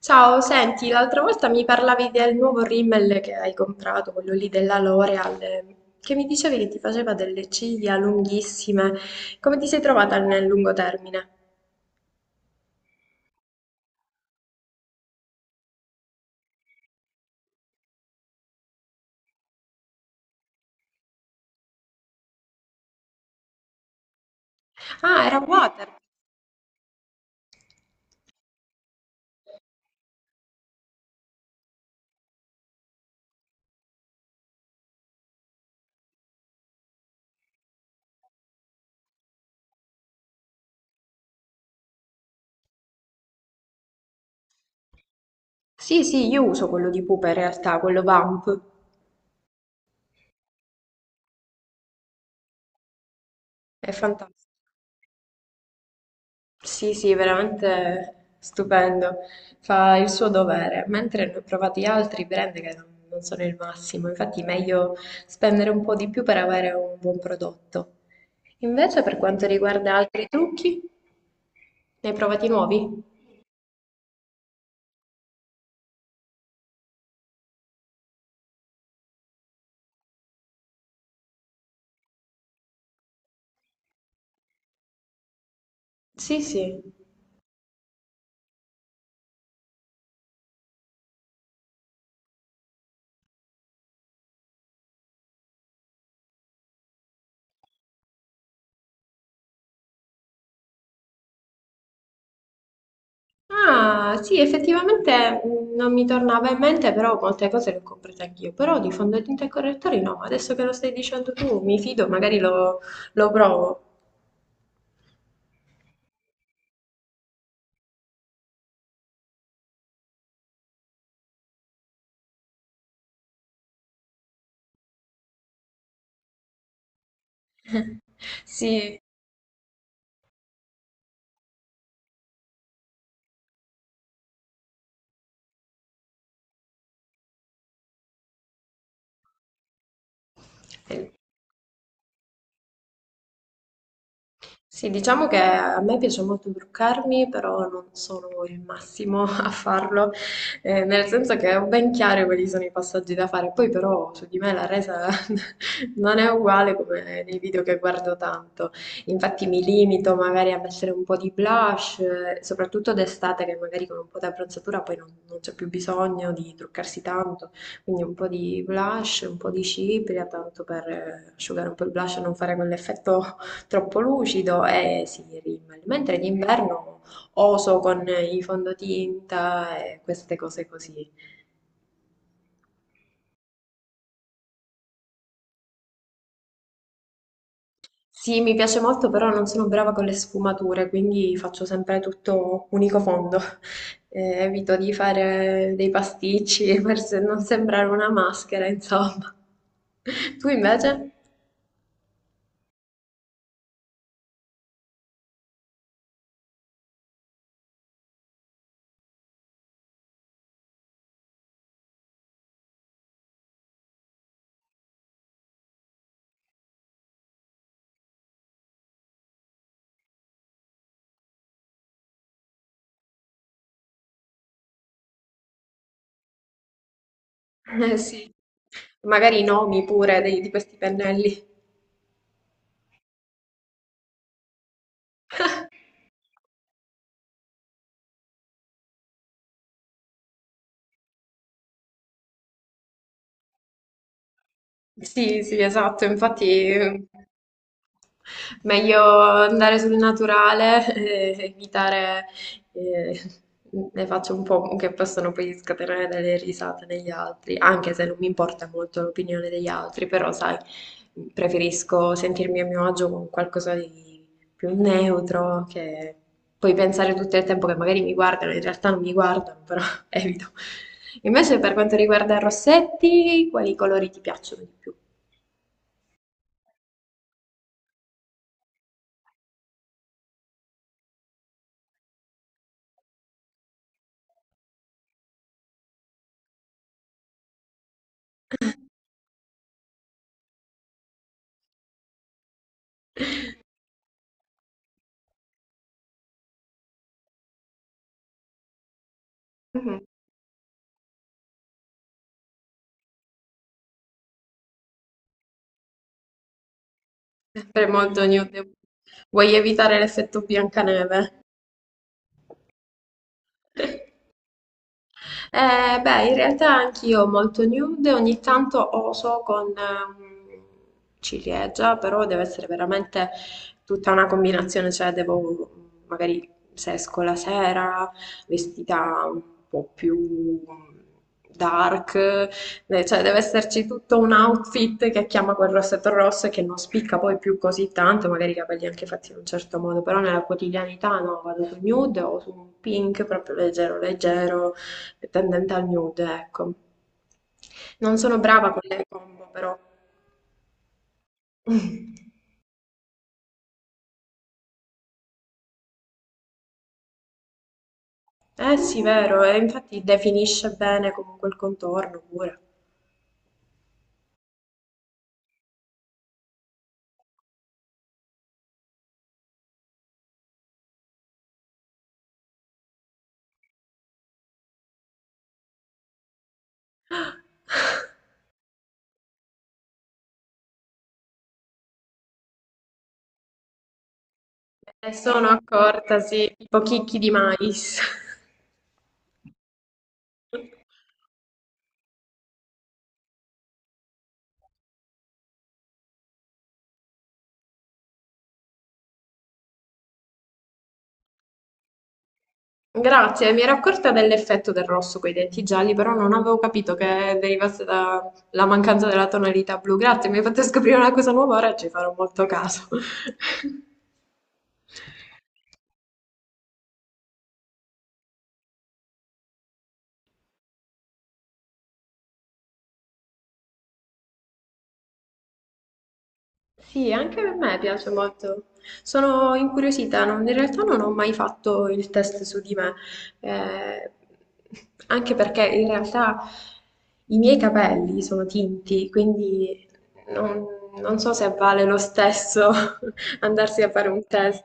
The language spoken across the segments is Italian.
Ciao, senti, l'altra volta mi parlavi del nuovo rimmel che hai comprato, quello lì della L'Oreal, che mi dicevi che ti faceva delle ciglia lunghissime. Come ti sei trovata nel lungo termine? Ah, era Water. Sì, sì, io uso quello di Pupa in realtà, quello Vamp. È fantastico. Sì, sì, veramente stupendo. Fa il suo dovere, mentre ne ho provati altri brand che non sono il massimo. Infatti, meglio spendere un po' di più per avere un buon prodotto. Invece per quanto riguarda altri trucchi, ne hai provati nuovi? Sì, sì. Ah, sì, effettivamente non mi tornava in mente, però molte cose le ho comprate anch'io. Però di fondotinta e correttori no, adesso che lo stai dicendo tu, mi fido, magari lo provo. Sì, Eh, Sì, diciamo che a me piace molto truccarmi, però non sono il massimo a farlo, nel senso che ho ben chiaro quali sono i passaggi da fare. Poi però su di me la resa non è uguale come nei video che guardo tanto. Infatti mi limito magari a mettere un po' di blush, soprattutto d'estate che magari con un po' di abbronzatura poi non c'è più bisogno di truccarsi tanto. Quindi un po' di blush, un po' di cipria, tanto per asciugare un po' il blush e non fare quell'effetto troppo lucido e si rimane, mentre d'inverno oso con i fondotinta e queste cose così. Sì, mi piace molto, però non sono brava con le sfumature, quindi faccio sempre tutto unico fondo. Evito di fare dei pasticci per se- non sembrare una maschera, insomma. Tu invece? Eh sì, magari i nomi pure di questi pennelli. Sì, sì, esatto, infatti, meglio andare sul naturale e evitare eh, le facce un po' che possono poi scatenare delle risate negli altri, anche se non mi importa molto l'opinione degli altri, però sai, preferisco sentirmi a mio agio con qualcosa di più neutro che poi pensare tutto il tempo che magari mi guardano, in realtà non mi guardano, evito. Invece per quanto riguarda i rossetti, quali colori ti piacciono di più? Mhm. Sempre molto nude. Vuoi evitare l'effetto Biancaneve? Beh, in realtà anch'io molto nude, ogni tanto oso con ciliegia, però deve essere veramente tutta una combinazione, cioè devo magari se esco la sera vestita un po' più dark, cioè deve esserci tutto un outfit che chiama quel rossetto rosso e che non spicca poi più così tanto, magari i capelli anche fatti in un certo modo, però nella quotidianità no, vado su nude o su un pink proprio leggero leggero è tendente al nude, ecco. Non sono brava con le combo, però. Eh sì, vero, e infatti definisce bene comunque il contorno pure. E sono accorta, sì, tipo chicchi di mais. Grazie, mi ero accorta dell'effetto del rosso con i denti gialli, però non avevo capito che derivasse dalla mancanza della tonalità blu. Grazie, mi hai fatto scoprire una cosa nuova, ora ci farò molto caso. Sì, anche a me piace molto. Sono incuriosita, in realtà non ho mai fatto il test su di me, eh, anche perché in realtà i miei capelli sono tinti, quindi non, non so se vale lo stesso andarsi a fare un test.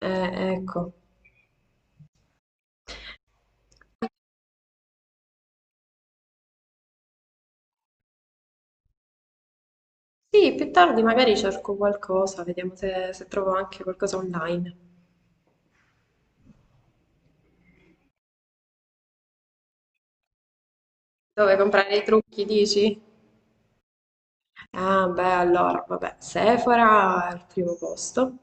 Ecco. Sì, più tardi magari cerco qualcosa, vediamo se trovo anche qualcosa online. Dove comprare i trucchi, dici? Ah, beh, allora, vabbè, Sephora al primo posto,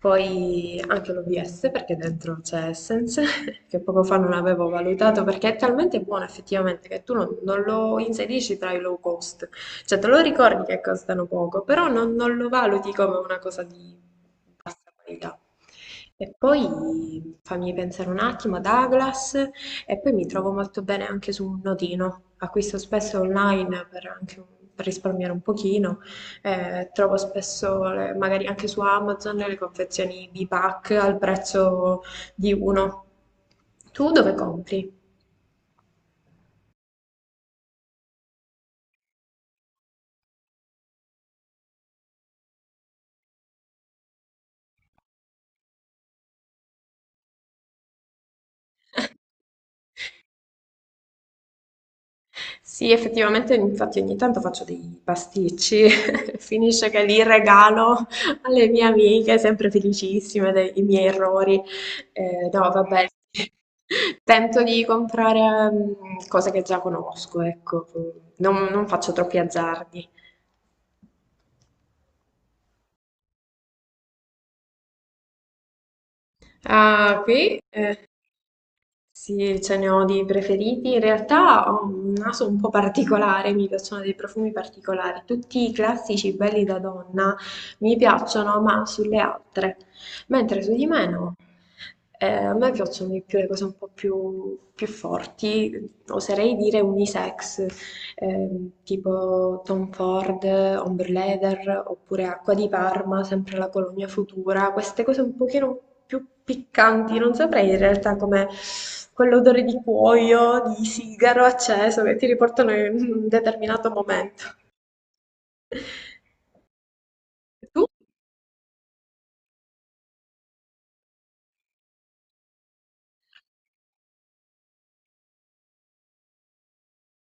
poi anche l'OVS perché dentro c'è Essence, che poco fa non avevo valutato perché è talmente buono effettivamente che tu non lo inserisci tra i low cost, cioè te lo ricordi che costano poco, però non lo valuti come una cosa di bassa qualità. E poi fammi pensare un attimo, Douglas, e poi mi trovo molto bene anche su un nodino. Acquisto spesso online per risparmiare un pochino. Trovo spesso, magari anche su Amazon, le confezioni B-Pack al prezzo di uno. Tu dove compri? Sì, effettivamente, infatti ogni tanto faccio dei pasticci, finisce che li regalo alle mie amiche, sempre felicissime dei miei errori. No, vabbè, tento di comprare cose che già conosco, ecco, non faccio troppi azzardi. Ah, qui? Eh. Sì, ce ne ho di preferiti. In realtà ho un naso un po' particolare, mi piacciono dei profumi particolari. Tutti i classici belli da donna mi piacciono, ma sulle altre, mentre su di me no. A me piacciono di più le cose un po' più forti, oserei dire unisex, tipo Tom Ford, Ombre Leather, oppure Acqua di Parma, sempre la colonia futura, queste cose un pochino più piccanti, non saprei in realtà come quell'odore di cuoio, di sigaro acceso che ti riportano in un determinato momento. Tu?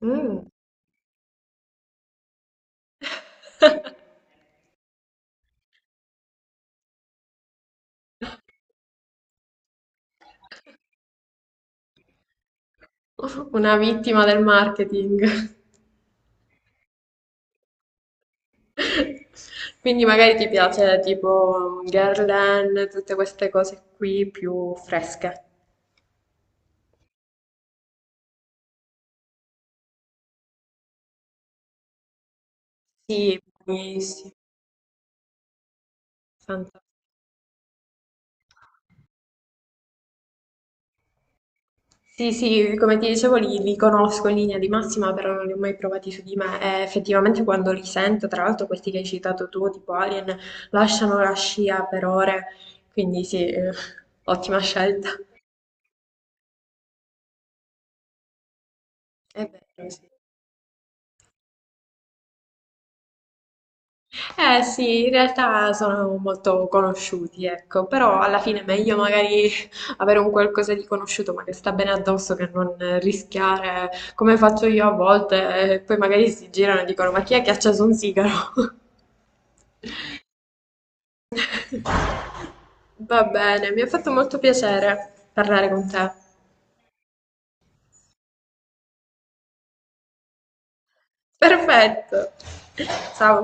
Mm. Una vittima del marketing. Quindi magari ti piace tipo Guerlain, tutte queste cose qui più fresche. Sì, buonissime. Fanta- Sì, sì, come ti dicevo li conosco in linea di massima, però non li ho mai provati su di me e effettivamente quando li sento, tra l'altro questi che hai citato tu, tipo Alien, lasciano la scia per ore, quindi sì, ottima scelta. È vero, sì. Eh sì, in realtà sono molto conosciuti, ecco, però alla fine è meglio magari avere un qualcosa di conosciuto ma che sta bene addosso che non rischiare, come faccio io a volte, e poi magari si girano e dicono ma chi è che ha acceso un sigaro? Va bene, mi ha fatto molto piacere parlare con te. Perfetto. Ciao.